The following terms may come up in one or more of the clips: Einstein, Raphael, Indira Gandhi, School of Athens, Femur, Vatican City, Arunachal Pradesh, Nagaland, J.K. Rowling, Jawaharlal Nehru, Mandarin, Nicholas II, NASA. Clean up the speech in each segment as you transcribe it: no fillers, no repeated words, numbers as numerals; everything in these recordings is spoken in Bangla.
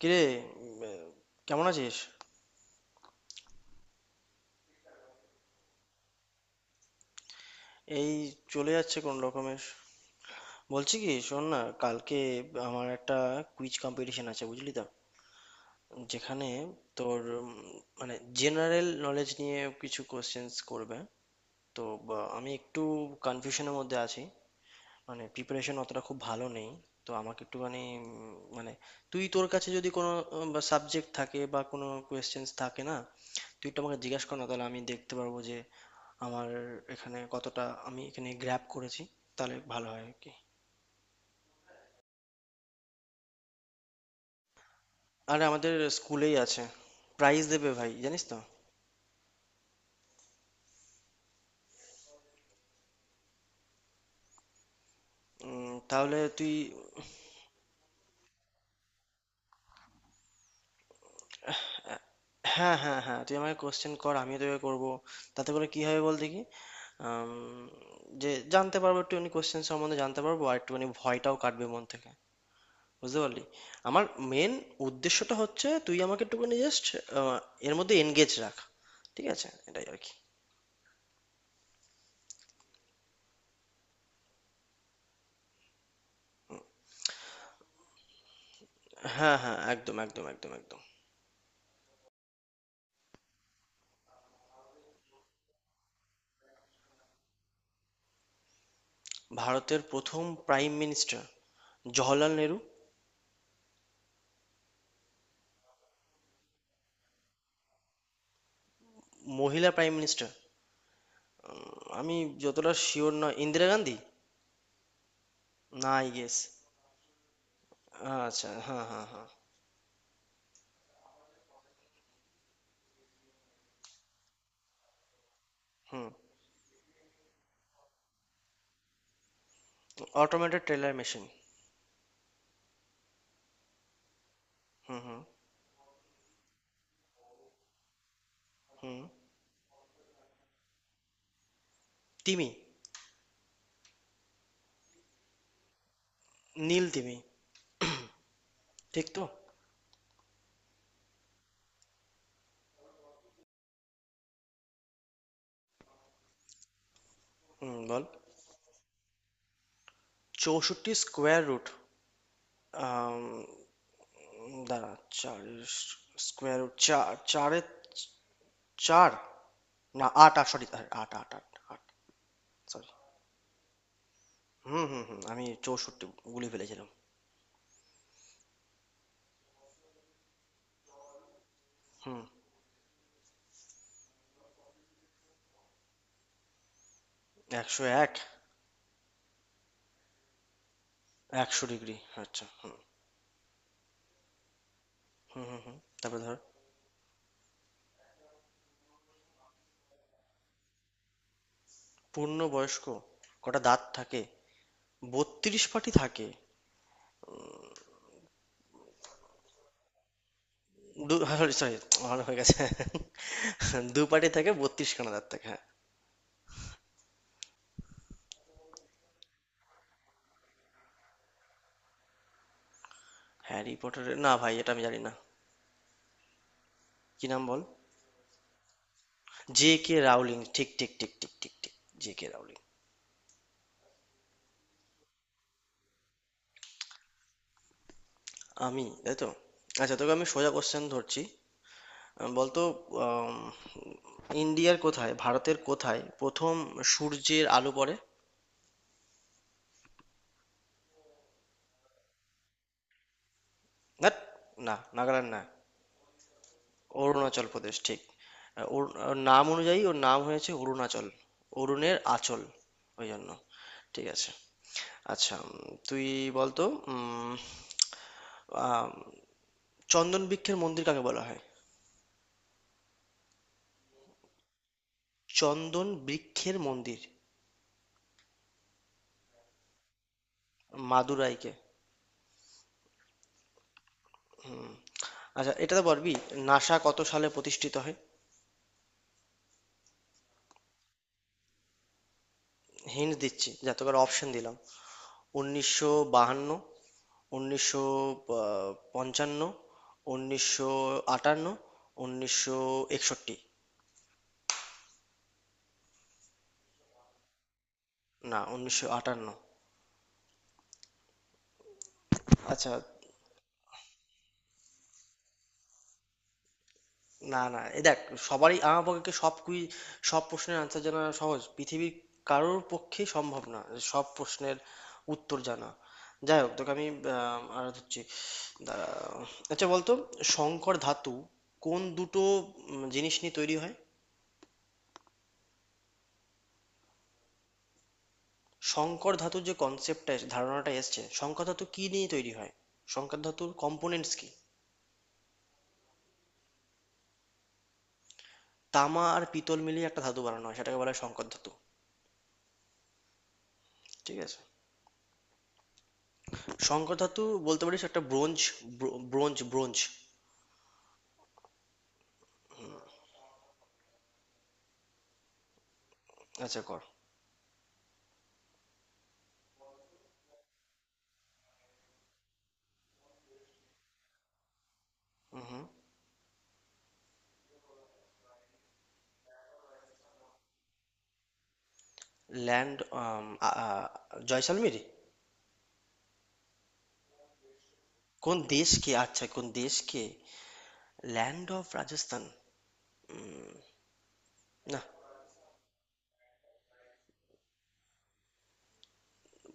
কিরে, কেমন আছিস? এই চলে যাচ্ছে কোন রকমের। বলছি কি, শোন না, কালকে আমার একটা কুইজ কম্পিটিশন আছে বুঝলি তো, যেখানে তোর মানে জেনারেল নলেজ নিয়ে কিছু কোশ্চেন্স করবে। তো আমি একটু কনফিউশনের মধ্যে আছি, মানে প্রিপারেশন অতটা খুব ভালো নেই। তো আমাকে একটুখানি মানে তুই তোর কাছে যদি কোনো সাবজেক্ট থাকে বা কোনো কোয়েশ্চেন্স থাকে না, তুই একটু আমাকে জিজ্ঞাসা কর না, তাহলে আমি দেখতে পারবো যে আমার এখানে কতটা আমি এখানে গ্র্যাব করেছি, তাহলে ভালো হয় আর কি। আর আমাদের স্কুলেই আছে। প্রাইজ দেবে ভাই, জানিস তো। তাহলে তুই, হ্যাঁ হ্যাঁ হ্যাঁ, তুই আমাকে কোশ্চেন কর, আমিও তোকে করব। তাতে করে কি হবে বল দেখি, আম, যে জানতে পারবো একটুখানি, কোশ্চেন সম্বন্ধে জানতে পারবো, আর একটুখানি ভয়টাও কাটবে মন থেকে, বুঝতে পারলি? আমার মেন উদ্দেশ্যটা হচ্ছে, তুই আমাকে একটুখানি জাস্ট এর মধ্যে এনগেজ রাখ। ঠিক আছে, এটাই আর কি। হ্যাঁ হ্যাঁ, একদম একদম একদম একদম। ভারতের প্রথম প্রাইম মিনিস্টার জওহরলাল নেহরু। মহিলা প্রাইম মিনিস্টার, আমি যতটা শিওর নয়, ইন্দিরা গান্ধী, না আই গেস। আচ্ছা হ্যাঁ হ্যাঁ হ্যাঁ। হুম। Automated teller machine. হুম হুম হুম। তিমি। নীল তিমি, ঠিক তো? হুম, বল। চৌষট্টি স্কোয়ার রুট, দাঁড়া। চার, স্কোয়ার রুট চার চারে চার, না আট, আট, সরি। আট আট আট, আট, সরি। হুম হুম হুম, আমি চৌষট্টি গুলি ফেলেছিলাম। হুম। ১০১? ১০০ ডিগ্রি। আচ্ছা, হুম হুম হুম হুম। তারপর ধর, পূর্ণবয়স্ক কটা দাঁত থাকে? ৩২ পাটি থাকে। দু সরি সরি, আমার হয়ে গেছে। দু পাটি থাকে, ৩২ খানা দাঁত থাকে, হ্যাঁ। হ্যারি পটারের, না ভাই এটা আমি জানি না। কি নাম বল। জে কে রাউলিং, ঠিক ঠিক ঠিক ঠিক ঠিক ঠিক। J K Rowling. আমি তাই তো। আচ্ছা, তোকে আমি সোজা কোশ্চেন ধরছি। বলতো, আম, ইন্ডিয়ার কোথায়, ভারতের কোথায় প্রথম সূর্যের আলো পড়ে? ধ্যাৎ, না নাগাল্যান্ড না, অরুণাচল প্রদেশ, ঠিক। ওর, ওর নাম অনুযায়ী ওর নাম হয়েছে অরুণাচল, অরুণের আঁচল, ওই জন্য। ঠিক আছে। আচ্ছা, তুই বলতো, উম, আম, চন্দন বৃক্ষের মন্দির কাকে বলা হয়? চন্দন বৃক্ষের মন্দির, মাদুরাইকে। হুম। আচ্ছা এটা তো পারবি, নাসা কত সালে প্রতিষ্ঠিত হয়? হিন্ট দিচ্ছি, যা তোকে অপশন দিলাম: উনিশশো বাহান্ন, উনিশশো পঞ্চান্ন, উনিশশো আটান্ন, উনিশশো একষট্টি। না, 1958। আচ্ছা। না না এ দেখ, সবারই, আমার পক্ষে সব সব প্রশ্নের আনসার জানা, সহজ পৃথিবীর কারোর পক্ষেই সম্ভব না সব প্রশ্নের উত্তর জানা। যাই হোক, তোকে আমি আর হচ্ছে, দাঁড়া। আচ্ছা বলতো, সংকর ধাতু কোন দুটো জিনিস নিয়ে তৈরি হয়? সংকর ধাতুর যে কনসেপ্টটা, ধারণাটা এসছে, সংকর ধাতু কি নিয়ে তৈরি হয়, সংকর ধাতুর কম্পোনেন্টস কি? তামা আর পিতল মিলিয়ে একটা ধাতু বানানো হয়, সেটাকে বলা হয় সংকর ধাতু। ঠিক আছে, শঙ্কর ধাতু বলতে পারিস একটা ব্রোঞ্জ। ব্রোঞ্জ। আচ্ছা কর। হুম। ল্যান্ড, জয়সালমির। কোন দেশকে? আচ্ছা, কোন দেশকে? ল্যান্ড অফ রাজস্থান, না।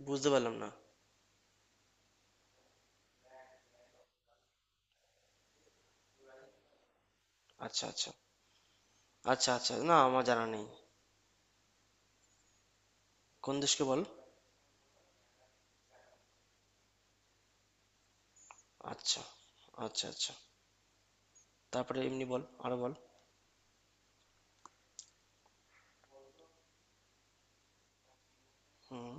বুঝতে পারলাম না। আচ্ছা আচ্ছা, আচ্ছা আচ্ছা, না আমার জানা নেই, কোন দেশকে বল। আচ্ছা আচ্ছা আচ্ছা। তারপরে এমনি বল, আরো বল। হুম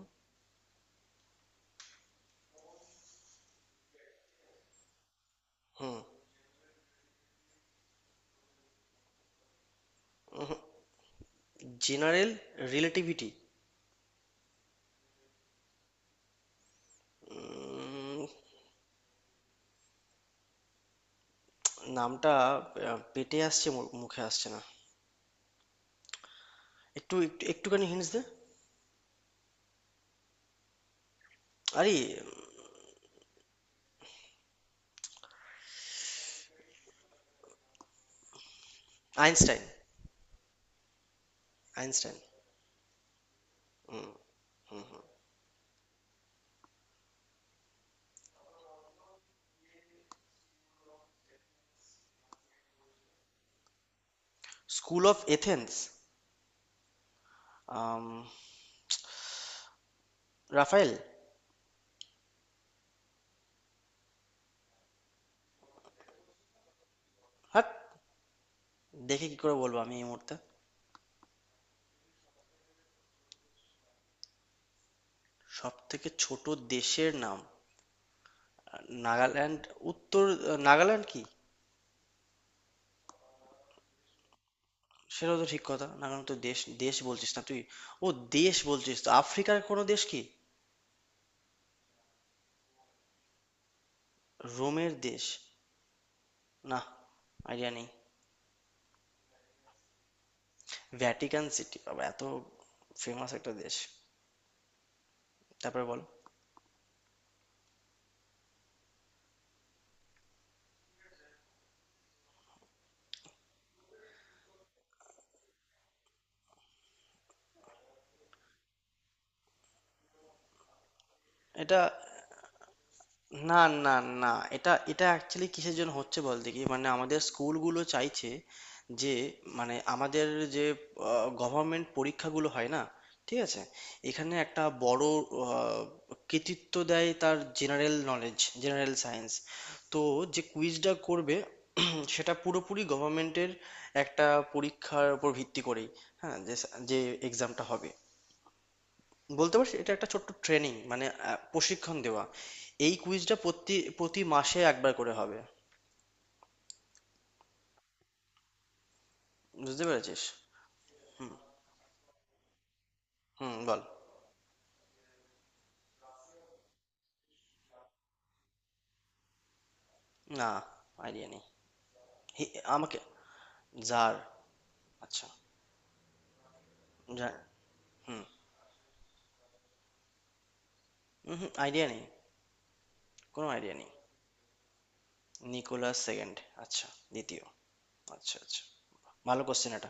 হুম। জেনারেল রিলেটিভিটি, নামটা পেটে আসছে, মুখে আসছে না, একটু একটু একটুখানি হিন্টস দে আরে। Einstein. Einstein. School of Athens, Raphael. হাট, দেখে কি করে বলবো আমি এই মুহূর্তে? সব থেকে ছোট দেশের নাম নাগাল্যান্ড। উত্তর, নাগাল্যান্ড কি? সেটাও তো ঠিক কথা, নাগাল্যান্ড তো দেশ। দেশ বলছিস না তুই, ও, দেশ বলছিস তো। আফ্রিকার কোনো দেশ কি? রোমের দেশ? না, আইডিয়া নেই। ভ্যাটিকান সিটি, বাবা, এত ফেমাস একটা দেশ! তারপরে বল। এটা, না না না, এটা এটা অ্যাকচুয়ালি কিসের জন্য হচ্ছে বলতে কি, মানে আমাদের স্কুলগুলো চাইছে যে, মানে আমাদের, যে গভর্নমেন্ট পরীক্ষাগুলো হয় না, ঠিক আছে, এখানে একটা বড় আহ, কৃতিত্ব দেয় তার জেনারেল নলেজ, জেনারেল সায়েন্স, তো যে কুইজটা করবে সেটা পুরোপুরি গভর্নমেন্টের একটা পরীক্ষার উপর ভিত্তি করেই। হ্যাঁ, যে যে এক্সামটা হবে, বলতে পারছি এটা একটা ছোট্ট ট্রেনিং, মানে প্রশিক্ষণ দেওয়া। এই কুইজটা প্রতি প্রতি মাসে একবার করে হবে। বুঝতে পেরেছিস। হুম, বল। না, আইডিয়া নেই। আমাকে জার, আচ্ছা, জার হুম হুম। আইডিয়া নেই, কোনো আইডিয়া নেই। নিকোলাস সেকেন্ড, আচ্ছা, দ্বিতীয়, আচ্ছা আচ্ছা। ভালো কোশ্চেন এটা।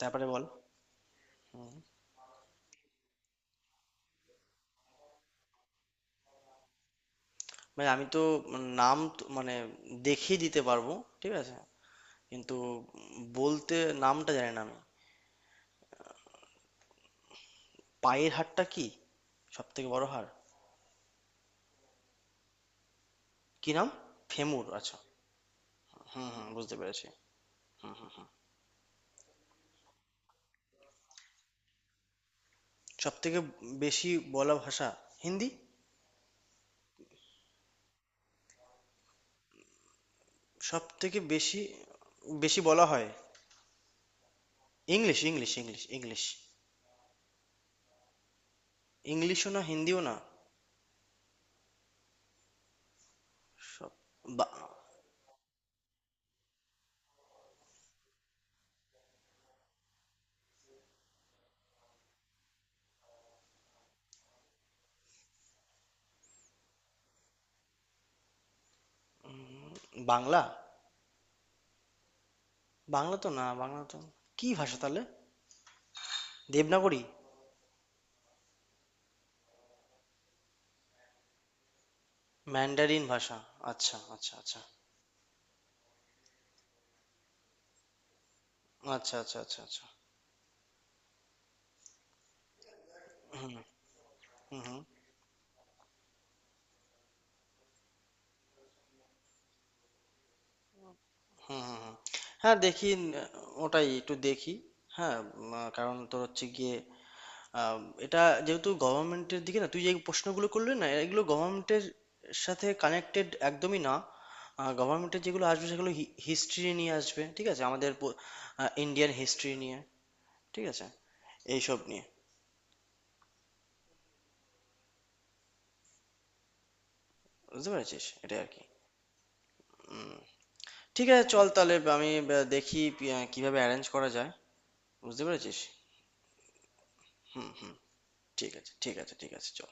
তারপরে বল। মানে আমি তো নাম তো, মানে দেখিয়ে দিতে পারবো, ঠিক আছে, কিন্তু বলতে নামটা জানি না আমি। পায়ের হাড়টা কি সব থেকে বড় হাড়? কি নাম? ফেমুর, আচ্ছা। হুম হুম, বুঝতে পেরেছি। সবথেকে বেশি বলা ভাষা হিন্দি। সবথেকে বেশি, বেশি বলা হয়, ইংলিশ ইংলিশ ইংলিশ ইংলিশ। ইংলিশও না, হিন্দিও না, সব, বা- বাংলা। বাংলা তো না, বাংলা তো, কি ভাষা তাহলে, দেবনাগরী? ম্যান্ডারিন ভাষা, আচ্ছা আচ্ছা আচ্ছা আচ্ছা, আচ্ছা আচ্ছা আচ্ছা। হুম হুম হুম হুম হুম হুম। হ্যাঁ দেখি, ওটাই একটু দেখি। হ্যাঁ, কারণ তোর হচ্ছে গিয়ে আহ, এটা যেহেতু গভর্নমেন্টের দিকে, না, তুই যে প্রশ্নগুলো করলি না, এগুলো গভর্নমেন্টের সাথে কানেক্টেড একদমই না। গভর্নমেন্টের যেগুলো আসবে সেগুলো হিস্ট্রি নিয়ে আসবে, ঠিক আছে, আমাদের ইন্ডিয়ান হিস্ট্রি নিয়ে, ঠিক আছে, এইসব নিয়ে। বুঝতে পেরেছিস, এটাই আর কি। উম, ঠিক আছে চল, তাহলে আমি দেখি কিভাবে অ্যারেঞ্জ করা যায়, বুঝতে পেরেছিস। হুম হুম, ঠিক আছে, ঠিক আছে ঠিক আছে, চল।